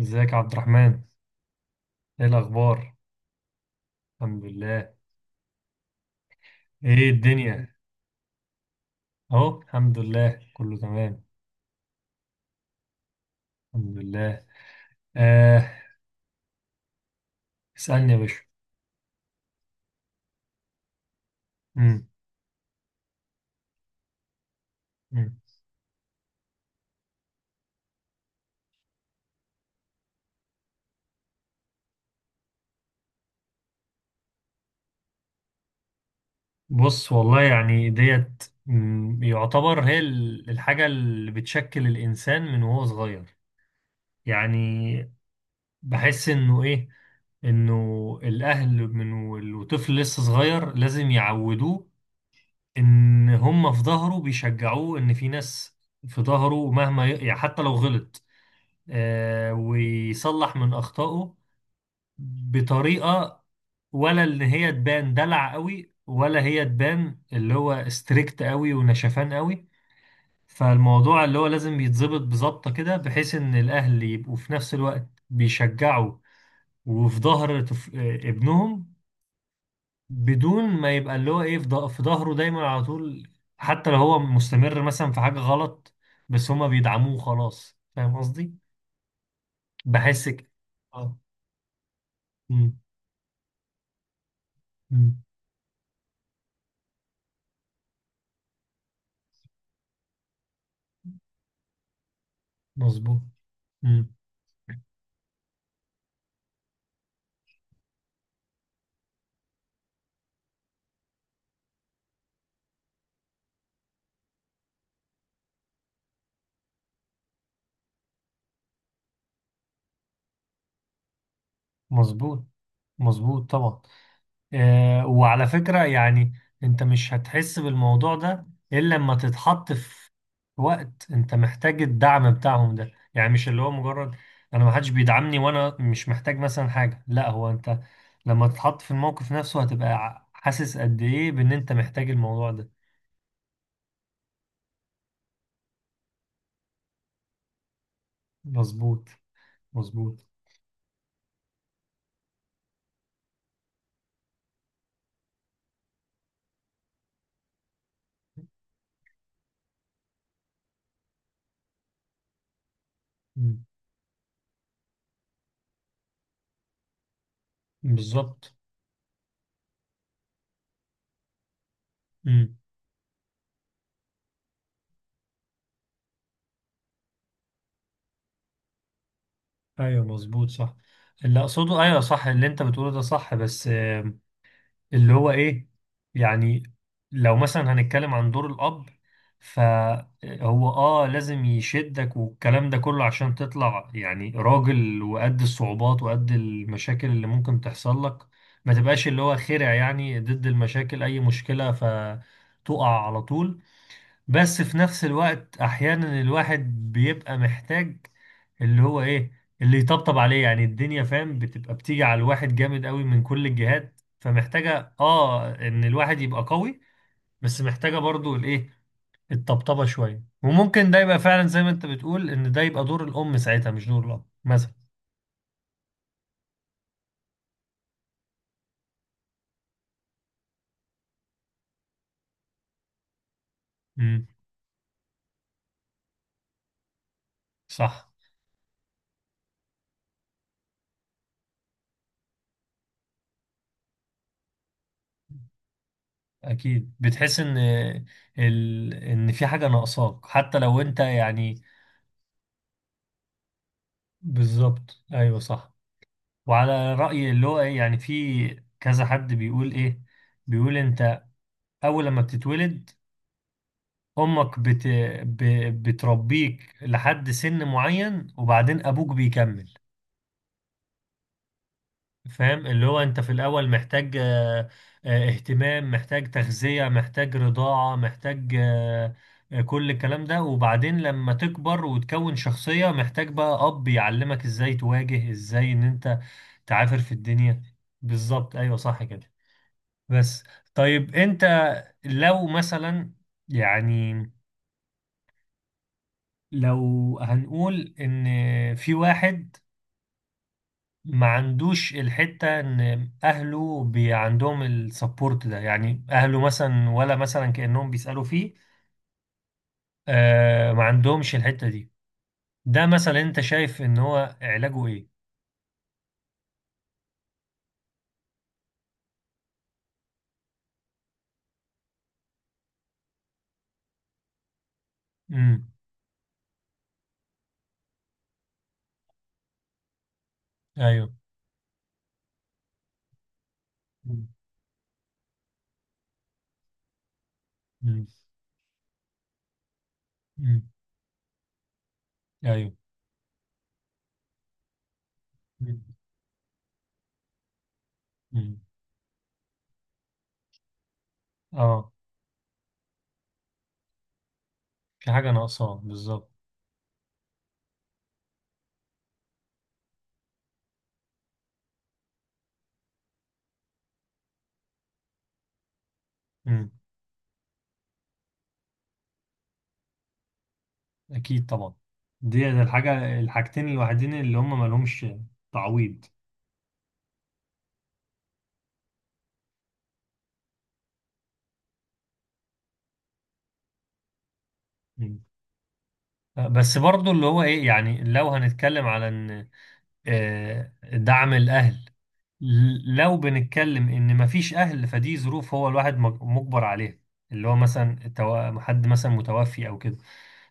ازيك يا عبد الرحمن؟ ايه الاخبار؟ الحمد لله. ايه الدنيا؟ اهو الحمد لله كله تمام. الحمد لله. آه. اسألني يا باشا. مم. مم. بص والله يعني ديت يعتبر هي الحاجة اللي بتشكل الانسان من وهو صغير. يعني بحس انه ايه، انه الاهل من وطفل لسه صغير لازم يعودوه ان هم في ظهره، بيشجعوه ان في ناس في ظهره مهما يعني حتى لو غلط آه ويصلح من اخطائه بطريقه، ولا ان هي تبان دلع قوي ولا هي تبان اللي هو ستريكت قوي ونشفان قوي. فالموضوع اللي هو لازم يتظبط بظبطه كده، بحيث ان الاهل يبقوا في نفس الوقت بيشجعوا وفي ظهر ابنهم، بدون ما يبقى اللي هو ايه في في ظهره دايما على طول حتى لو هو مستمر مثلا في حاجة غلط، بس هما بيدعموه خلاص. فاهم قصدي؟ بحس كده. اه. مم. مم. مظبوط. مم. مظبوط. مظبوط طبعا. آه، وعلى فكرة يعني انت مش هتحس بالموضوع ده الا لما تتحط في وقت انت محتاج الدعم بتاعهم ده. يعني مش اللي هو مجرد انا ما حدش بيدعمني وانا مش محتاج مثلا حاجة، لا هو انت لما تتحط في الموقف نفسه هتبقى حاسس قد ايه بان انت محتاج الموضوع ده. مظبوط. مظبوط. مم. بالظبط. مم. ايوه مظبوط صح. اللي اقصده ايوه، صح اللي انت بتقوله ده صح، بس اللي هو ايه يعني لو مثلا هنتكلم عن دور الاب، فهو اه لازم يشدك والكلام ده كله عشان تطلع يعني راجل وقد الصعوبات وقد المشاكل اللي ممكن تحصل لك، ما تبقاش اللي هو خرع يعني ضد المشاكل، اي مشكلة فتقع على طول. بس في نفس الوقت احيانا الواحد بيبقى محتاج اللي هو ايه، اللي يطبطب عليه. يعني الدنيا فاهم بتبقى بتيجي على الواحد جامد قوي من كل الجهات، فمحتاجة اه ان الواحد يبقى قوي بس محتاجة برضو الايه، الطبطبة شوية. وممكن ده يبقى فعلا زي ما انت بتقول ان ده يبقى دور الام ساعتها مش دور الاب مثلا. امم. صح. اكيد بتحس ان ان في حاجة ناقصاك حتى لو انت يعني. بالظبط ايوه صح. وعلى رأيي اللي هو ايه يعني في كذا حد بيقول ايه، بيقول انت أول لما بتتولد أمك ب... بتربيك لحد سن معين وبعدين أبوك بيكمل. فاهم اللي هو أنت في الأول محتاج آه، آه، اهتمام، محتاج تغذية، محتاج رضاعة، محتاج آه، آه، كل الكلام ده. وبعدين لما تكبر وتكون شخصية محتاج بقى أب يعلمك إزاي تواجه، إزاي إن أنت تعافر في الدنيا. بالظبط أيوه صح كده. بس طيب أنت لو مثلا يعني لو هنقول ان في واحد ما عندوش الحتة ان اهله بي عندهم السبورت ده، يعني اهله مثلا ولا مثلا كأنهم بيسألوا فيه، آه ما عندهمش الحتة دي، ده مثلا انت شايف ان هو علاجه ايه؟ امم. ايوه. امم. امم. ايوه. امم. أمم. اه في حاجة ناقصاه بالظبط. امم. اكيد طبعا. دي ده الحاجة، الحاجتين الوحيدين اللي هم ما لهمش تعويض. مم. بس برضو اللي هو ايه يعني لو هنتكلم على ان آه، دعم الاهل، لو بنتكلم ان مفيش اهل فدي ظروف هو الواحد مجبر عليها، اللي هو مثلا حد مثلا متوفي او كده.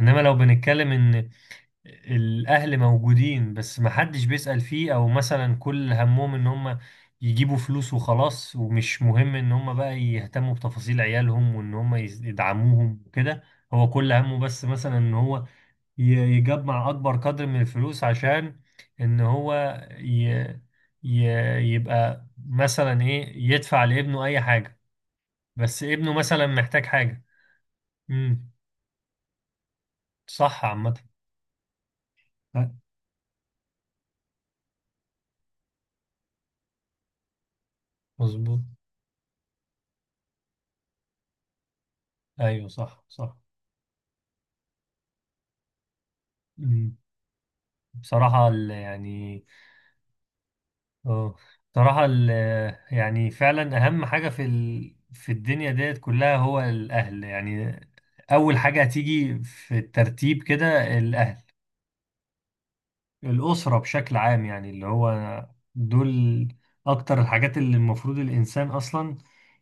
انما لو بنتكلم ان الاهل موجودين بس محدش بيسأل فيه، او مثلا كل همهم ان هم يجيبوا فلوس وخلاص ومش مهم ان هم بقى يهتموا بتفاصيل عيالهم وان هم يدعموهم وكده. هو كل همه بس مثلا ان هو ي- يجمع اكبر قدر من الفلوس عشان ان هو ي... يبقى مثلا ايه يدفع لابنه اي حاجة، بس ابنه مثلا محتاج حاجة. امم. صح عامة. أ- مظبوط ايوه صح صح. امم. يعني اه. بصراحة يعني فعلا اهم حاجة في في الدنيا ديت كلها هو الاهل يعني. اول حاجة هتيجي في الترتيب كده الاهل، الأسرة بشكل عام. يعني اللي هو دول أكتر الحاجات اللي المفروض الإنسان أصلا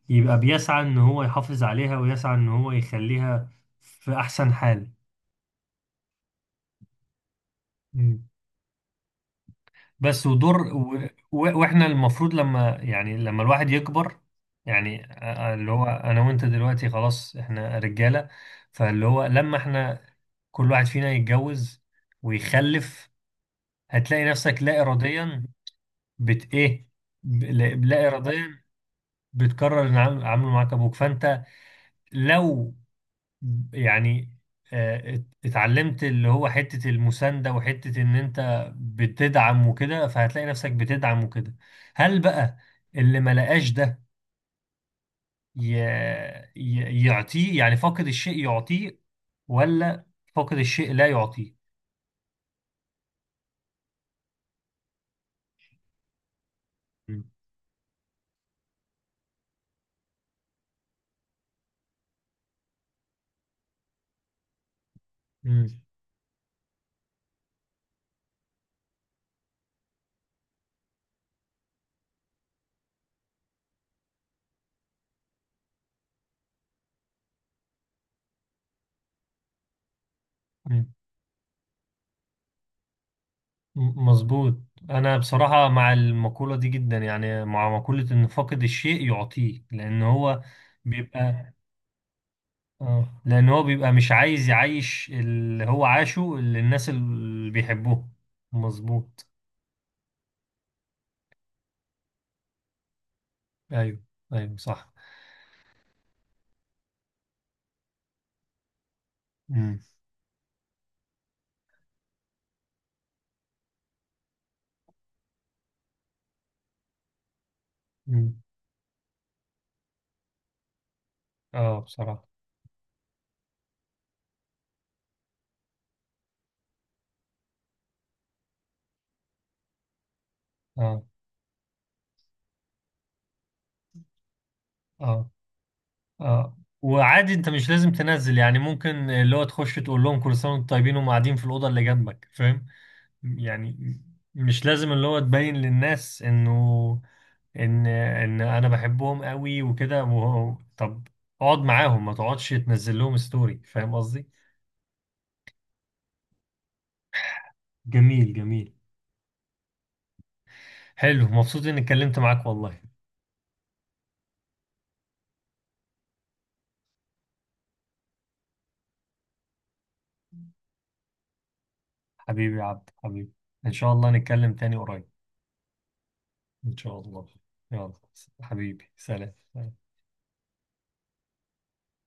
يبقى بيسعى إن هو يحافظ عليها ويسعى إن هو يخليها في أحسن حال. مم. بس ودور وإحنا المفروض لما يعني لما الواحد يكبر، يعني اللي هو أنا وأنت دلوقتي خلاص إحنا رجالة، فاللي هو لما إحنا كل واحد فينا يتجوز ويخلف هتلاقي نفسك لا إراديا بت إيه، لا لا إراديا بتكرر العامل معاك ابوك. فانت لو يعني آه، اتعلمت اللي هو حتة المساندة وحتة ان انت بتدعم وكده فهتلاقي نفسك بتدعم وكده. هل بقى اللي ما لقاش ده ي- يعطيه يعني؟ فاقد الشيء يعطيه، ولا فاقد الشيء لا يعطيه؟ مم. مم. مم. مظبوط. انا بصراحة مع المقولة دي جدا، يعني مع مقولة ان فاقد الشيء يعطيه، لان هو بيبقى اه، لان هو بيبقى مش عايز يعيش اللي هو عاشه اللي الناس اللي بيحبوه. مظبوط. ايوه ايوه صح. امم. أمم. اه بصراحة. اه. اه. اه وعادي انت مش لازم تنزل، يعني ممكن اللي هو تخش تقول لهم كل سنة وانتم طيبين وهم قاعدين في الأوضة اللي جنبك. فاهم يعني؟ مش لازم اللي هو تبين للناس انه ان ان انا بحبهم قوي وكده. وهو- طب اقعد معاهم، ما تقعدش تنزل لهم ستوري. فاهم قصدي؟ جميل جميل. حلو، مبسوط اني اتكلمت معاك والله. حبيبي يا عبد حبيبي. ان شاء الله نتكلم تاني قريب. ان شاء الله. يلا حبيبي، سلام.